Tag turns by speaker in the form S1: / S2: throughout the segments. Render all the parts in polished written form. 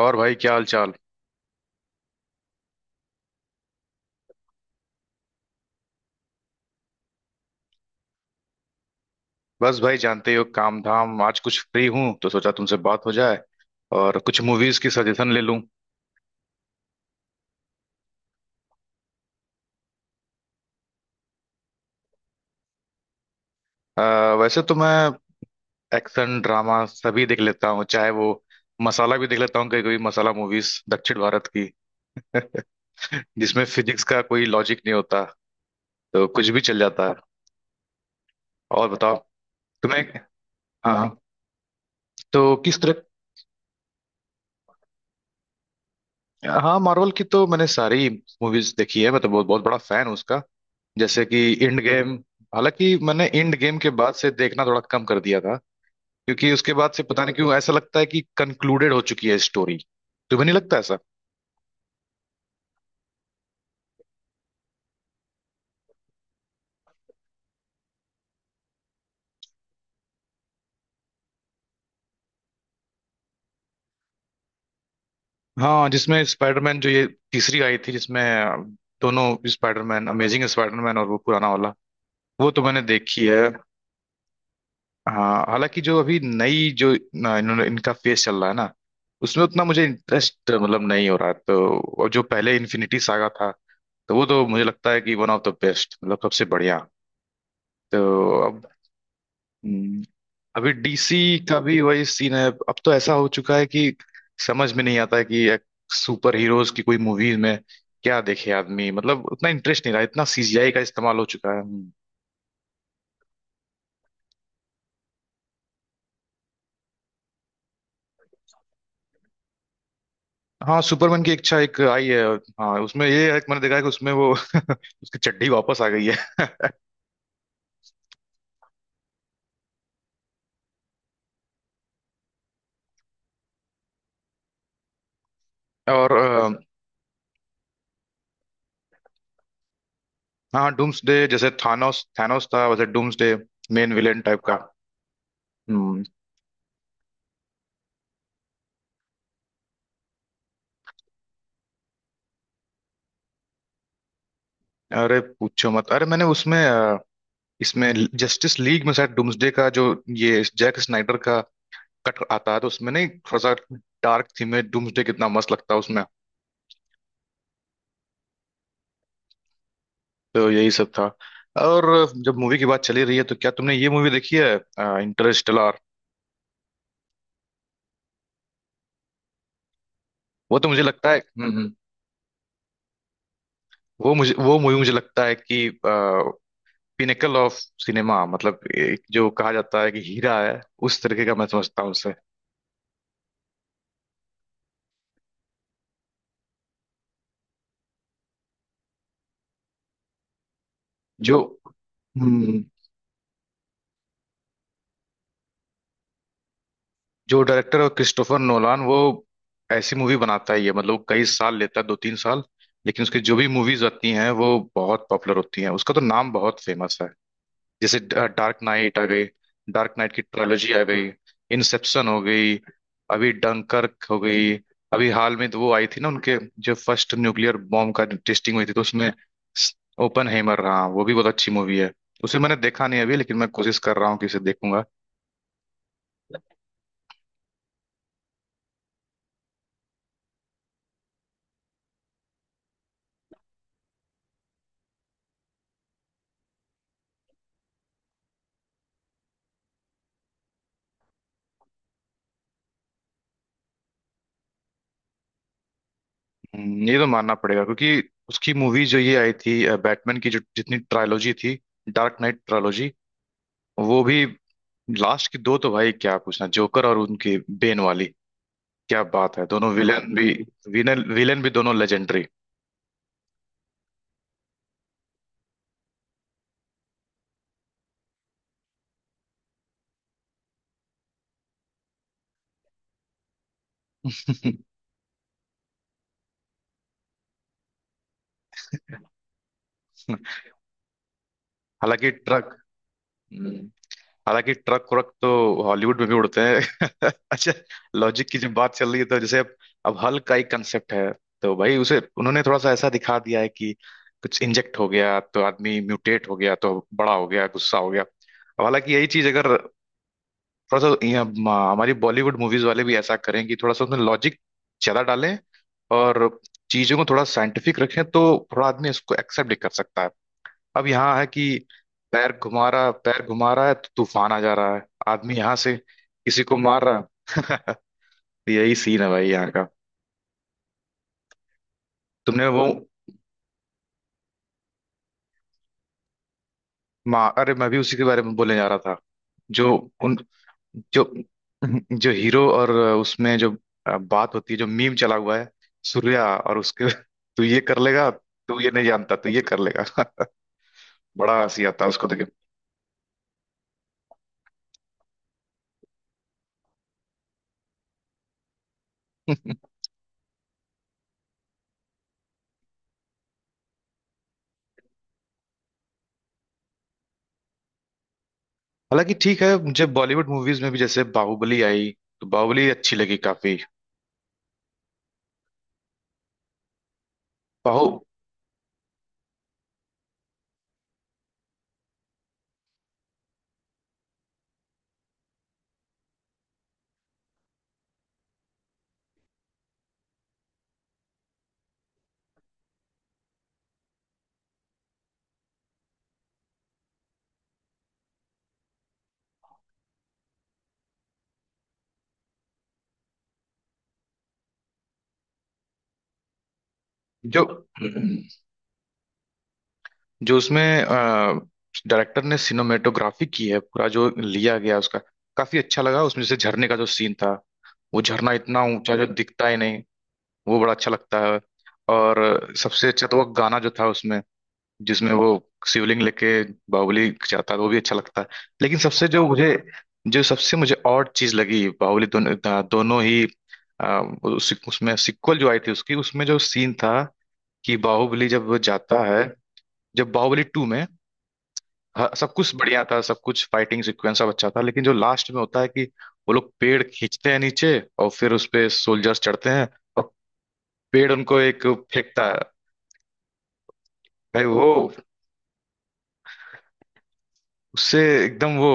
S1: और भाई क्या हाल चाल। बस भाई जानते ही हो काम धाम। आज कुछ फ्री हूँ तो सोचा तुमसे बात हो जाए और कुछ मूवीज की सजेशन ले लूँ। अ, वैसे तो मैं एक्शन ड्रामा सभी देख लेता हूँ, चाहे वो मसाला भी देख लेता हूँ। कभी कभी मसाला मूवीज दक्षिण भारत की जिसमें फिजिक्स का कोई लॉजिक नहीं होता, तो कुछ भी चल जाता है। और बताओ तुम्हें। हाँ हाँ। तो किस तरह। हाँ, मार्वल की तो मैंने सारी मूवीज देखी है। मैं तो बहुत बहुत बड़ा फैन हूँ उसका। जैसे कि इंड गेम। हालांकि मैंने इंड गेम के बाद से देखना थोड़ा कम कर दिया था, क्योंकि उसके बाद से पता नहीं क्यों ऐसा लगता है कि कंक्लूडेड हो चुकी है स्टोरी। तुम्हें नहीं लगता ऐसा? हाँ, जिसमें स्पाइडरमैन जो ये तीसरी आई थी, जिसमें दोनों स्पाइडरमैन, अमेजिंग स्पाइडरमैन और वो पुराना वाला, वो तो मैंने देखी है। हाँ, हालांकि जो अभी नई जो ना, इन्होंने इनका फेस चल रहा है ना, उसमें उतना मुझे इंटरेस्ट मतलब नहीं हो रहा है तो। और जो पहले इन्फिनिटी सागा था, तो वो तो मुझे लगता है कि वन ऑफ द बेस्ट, मतलब सबसे बढ़िया। तो अब हम्म, अभी डीसी का भी वही सीन है। अब तो ऐसा हो चुका है कि समझ में नहीं आता है कि एक सुपर हीरोज की कोई मूवीज में क्या देखे आदमी। मतलब उतना इंटरेस्ट नहीं रहा, इतना सीजीआई का इस्तेमाल हो चुका है हाँ, सुपरमैन की इच्छा एक आई है। हाँ, उसमें ये है कि मैंने देखा है कि उसमें वो उसकी चड्डी वापस आ गई है। और हाँ, डूम्सडे, जैसे थानोस थानोस था वैसे डूम्सडे, मेन विलेन टाइप का। हम्म। अरे पूछो मत। अरे मैंने उसमें इसमें जस्टिस लीग में शायद डूम्सडे का जो ये जैक स्नाइडर का कट आता है तो उसमें नहीं थोड़ा सा डार्क थीम में डूम्सडे कितना मस्त लगता है उसमें। तो यही सब था। और जब मूवी की बात चली रही है, तो क्या तुमने ये मूवी देखी है? इंटरस्टेलर। वो तो मुझे लगता है वो मुझे वो मूवी मुझे लगता है कि पिनेकल ऑफ सिनेमा। मतलब एक जो कहा जाता है कि हीरा है, उस तरीके का मैं समझता हूँ उसे। जो जो डायरेक्टर है क्रिस्टोफर नोलान, वो ऐसी मूवी बनाता ही है। मतलब वो कई साल लेता है, 2 3 साल, लेकिन उसकी जो भी मूवीज आती हैं वो बहुत पॉपुलर होती हैं। उसका तो नाम बहुत फेमस है। जैसे डार्क नाइट आ गई, डार्क नाइट की ट्रायलॉजी आ गई, इंसेप्शन हो गई, अभी डंकर्क हो गई। अभी हाल में तो वो आई थी ना उनके, जो फर्स्ट न्यूक्लियर बॉम्ब का टेस्टिंग हुई थी तो उसमें। ओपन हेमर रहा, वो भी बहुत अच्छी मूवी है। उसे मैंने देखा नहीं अभी, लेकिन मैं कोशिश कर रहा हूँ कि उसे देखूंगा। ये तो मानना पड़ेगा, क्योंकि उसकी मूवी जो ये आई थी, बैटमैन की जो जितनी ट्रायोलॉजी थी, डार्क नाइट ट्रायोलॉजी, वो भी लास्ट की दो तो भाई क्या पूछना, जोकर और उनकी बेन वाली, क्या बात है, दोनों विलेन भी विलेन विलेन भी दोनों लेजेंडरी। हालांकि ट्रक हम्म। हालांकि ट्रक व्रक तो हॉलीवुड में भी उड़ते हैं। अच्छा, लॉजिक की जब बात चल रही है तो जैसे अब हल का एक कंसेप्ट है, तो भाई उसे उन्होंने थोड़ा सा ऐसा दिखा दिया है कि कुछ इंजेक्ट हो गया तो आदमी म्यूटेट हो गया, तो बड़ा हो गया, गुस्सा हो गया। अब हालांकि यही चीज अगर थोड़ा सा यहाँ हमारी बॉलीवुड मूवीज वाले भी ऐसा करें कि थोड़ा सा उसमें लॉजिक ज्यादा डालें और चीजों को थोड़ा साइंटिफिक रखें, तो थोड़ा आदमी इसको एक्सेप्ट भी कर सकता है। अब यहाँ है कि पैर घुमा रहा है तो तूफान आ जा रहा है, आदमी यहाँ से किसी को मार रहा। यही सीन है भाई यहाँ का। तुमने वो माँ, अरे मैं भी उसी के बारे में बोलने जा रहा था, जो उन जो जो हीरो और उसमें जो बात होती है, जो मीम चला हुआ है सूर्या और उसके तू ये कर लेगा, तू ये नहीं जानता, तू ये कर लेगा। बड़ा हंसी आता है उसको देखे। हालांकि ठीक है, मुझे बॉलीवुड मूवीज में भी जैसे बाहुबली आई, तो बाहुबली अच्छी लगी काफी। बाहु जो जो उसमें डायरेक्टर ने सिनेमेटोग्राफी की है, पूरा जो लिया गया उसका काफी अच्छा लगा। उसमें जैसे झरने का जो सीन था, वो झरना इतना ऊंचा, जो दिखता ही नहीं, वो बड़ा अच्छा लगता है। और सबसे अच्छा तो वो गाना जो था उसमें, जिसमें वो शिवलिंग लेके बाहुबली जाता है, वो भी अच्छा लगता है। लेकिन सबसे जो मुझे, जो सबसे मुझे और चीज लगी, बाहुबली दोनों दोनों ही अ, उसमें सिक्वल जो आई थी उसकी, उसमें जो सीन था कि बाहुबली जब वो जाता है, जब बाहुबली टू में सब कुछ बढ़िया था, सब कुछ फाइटिंग सीक्वेंस सब अच्छा था, लेकिन जो लास्ट में होता है कि वो लोग पेड़ खींचते हैं नीचे और फिर उस पे सोल्जर्स चढ़ते हैं और पेड़ उनको एक फेंकता है, भाई वो, उससे एकदम वो,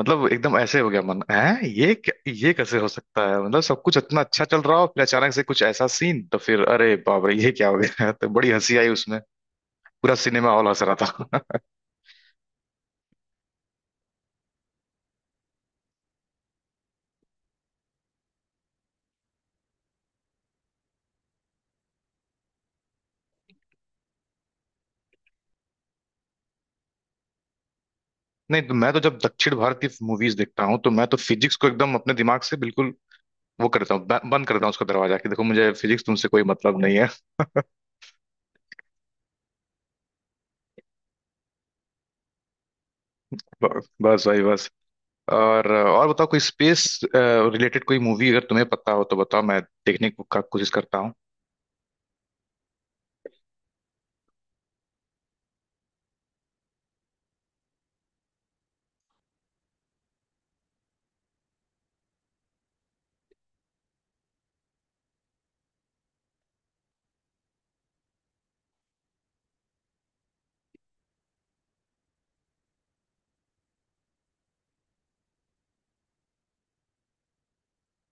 S1: मतलब एकदम ऐसे हो गया मन है ये ये कैसे हो सकता है, मतलब सब कुछ इतना अच्छा चल रहा हो फिर अचानक से कुछ ऐसा सीन, तो फिर अरे बाप रे ये क्या हो गया। तो बड़ी हंसी आई उसमें। पूरा सिनेमा हॉल हंस रहा था। नहीं तो मैं तो जब दक्षिण भारत की मूवीज देखता हूँ तो मैं तो फिजिक्स को एकदम अपने दिमाग से बिल्कुल वो करता हूँ, बंद करता हूँ उसका दरवाजा, कि देखो मुझे फिजिक्स तुमसे कोई मतलब नहीं है। बस भाई बस। और बताओ, कोई स्पेस रिलेटेड कोई मूवी अगर तुम्हें पता हो तो बताओ, मैं का कोशिश करता हूँ।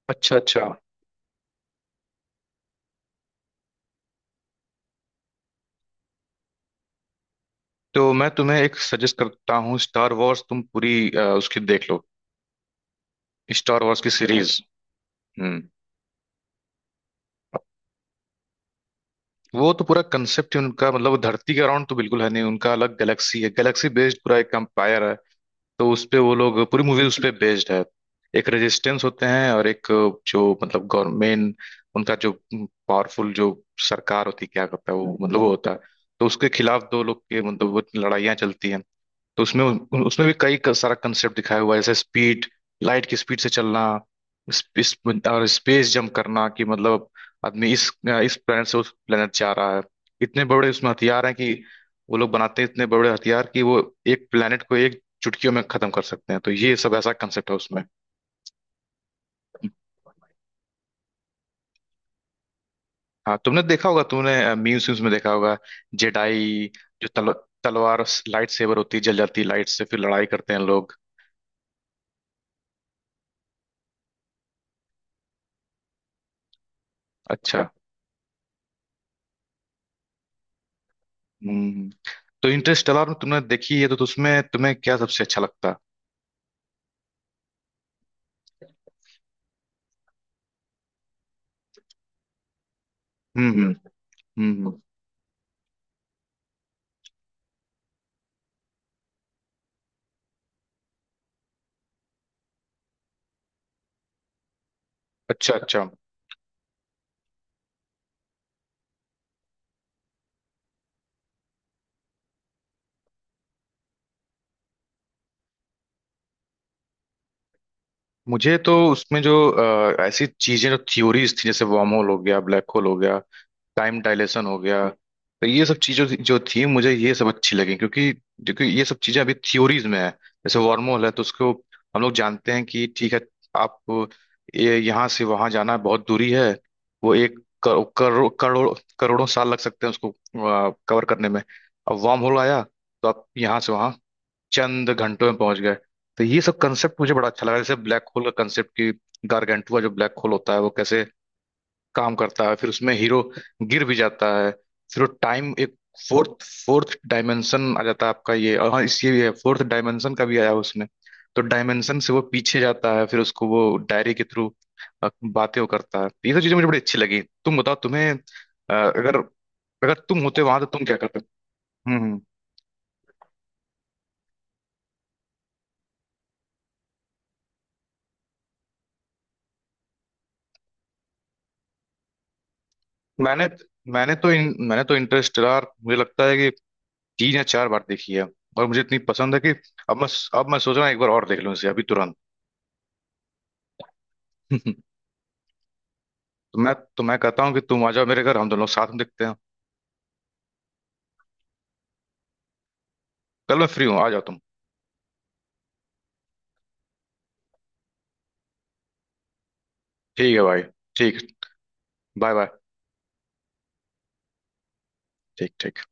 S1: अच्छा, अच्छा। तो मैं तुम्हें एक सजेस्ट करता हूँ, स्टार वॉर्स तुम पूरी उसकी देख लो, स्टार वॉर्स की सीरीज। हम्म। वो तो पूरा कंसेप्ट ही उनका, मतलब वो धरती के अराउंड तो बिल्कुल है नहीं, उनका अलग गैलेक्सी है, गैलेक्सी बेस्ड पूरा एक एम्पायर है, तो उस पे वो लोग पूरी मूवी उस पे बेस्ड है। एक रेजिस्टेंस होते हैं और एक जो मतलब गवर्नमेंट, उनका जो पावरफुल जो सरकार होती है क्या करता है वो, मतलब वो होता है, तो उसके खिलाफ दो लोग के मतलब वो लड़ाइयाँ चलती हैं। तो उसमें उसमें भी कई सारा कंसेप्ट दिखाया हुआ है, जैसे स्पीड, लाइट की स्पीड से चलना, स्पेस और स्पेस जंप करना, कि मतलब आदमी इस planet से उस planet जा रहा है। इतने बड़े उसमें हथियार हैं कि वो लोग बनाते हैं इतने बड़े हथियार कि वो एक planet को एक चुटकियों में खत्म कर सकते हैं, तो ये सब ऐसा कंसेप्ट है उसमें। हाँ, तुमने देखा होगा, तुमने मीम्स वीम्स में देखा होगा, जेडाई जो तलवार, लाइट सेवर होती है, जल जाती है लाइट से, फिर लड़ाई करते हैं लोग। अच्छा। हम्म। तो इंटरस्टेलर में तुमने देखी है, तो उसमें तुम्हें क्या सबसे अच्छा लगता है? हम्म। हम्म। हम्म। अच्छा। अच्छा। मुझे तो उसमें जो ऐसी चीजें जो थ्योरीज थी, जैसे वर्म होल हो गया, ब्लैक होल हो गया, टाइम डायलेशन हो गया, तो ये सब चीजों जो थी मुझे ये सब अच्छी लगी, क्योंकि क्योंकि ये सब चीजें अभी थ्योरीज में है। जैसे वर्महोल है, तो उसको हम लोग जानते हैं कि ठीक है, आप ये यहाँ से वहां जाना बहुत दूरी है, वो एक करो- करो- करोड़ों साल लग सकते हैं उसको कवर करने में। अब वर्म होल आया, तो आप यहाँ से वहां चंद घंटों में पहुंच गए। तो ये सब कंसेप्ट मुझे बड़ा अच्छा लगा। जैसे ब्लैक होल का कंसेप्ट कि गारगेंटुआ जो ब्लैक होल होता है वो कैसे काम करता है, फिर उसमें हीरो गिर भी जाता है, फिर वो टाइम एक फोर्थ फोर्थ डायमेंशन आ जाता है आपका ये, और हाँ इस ये भी है फोर्थ डायमेंशन का भी आया उसमें। तो डायमेंशन से वो पीछे जाता है फिर उसको वो डायरी के थ्रू बातें वो करता है, ये सब चीजें मुझे बड़ी अच्छी लगी। तुम बताओ तुम्हें अगर अगर तुम होते वहां तो तुम क्या करते? हम्म। हम्म। मैंने मैंने तो इन, मैंने तो इंटरस्टेलर मुझे लगता है कि 3 या 4 बार देखी है, और मुझे इतनी पसंद है कि अब मैं अब मैं सोच रहा हूँ एक बार और देख लूँ इसे अभी तुरंत। तो मैं कहता हूँ कि तुम आ जाओ मेरे घर, हम दोनों लोग साथ में देखते हैं। कल मैं फ्री हूँ, आ जाओ तुम। ठीक है भाई। ठीक। Bye bye. ठीक ठीक।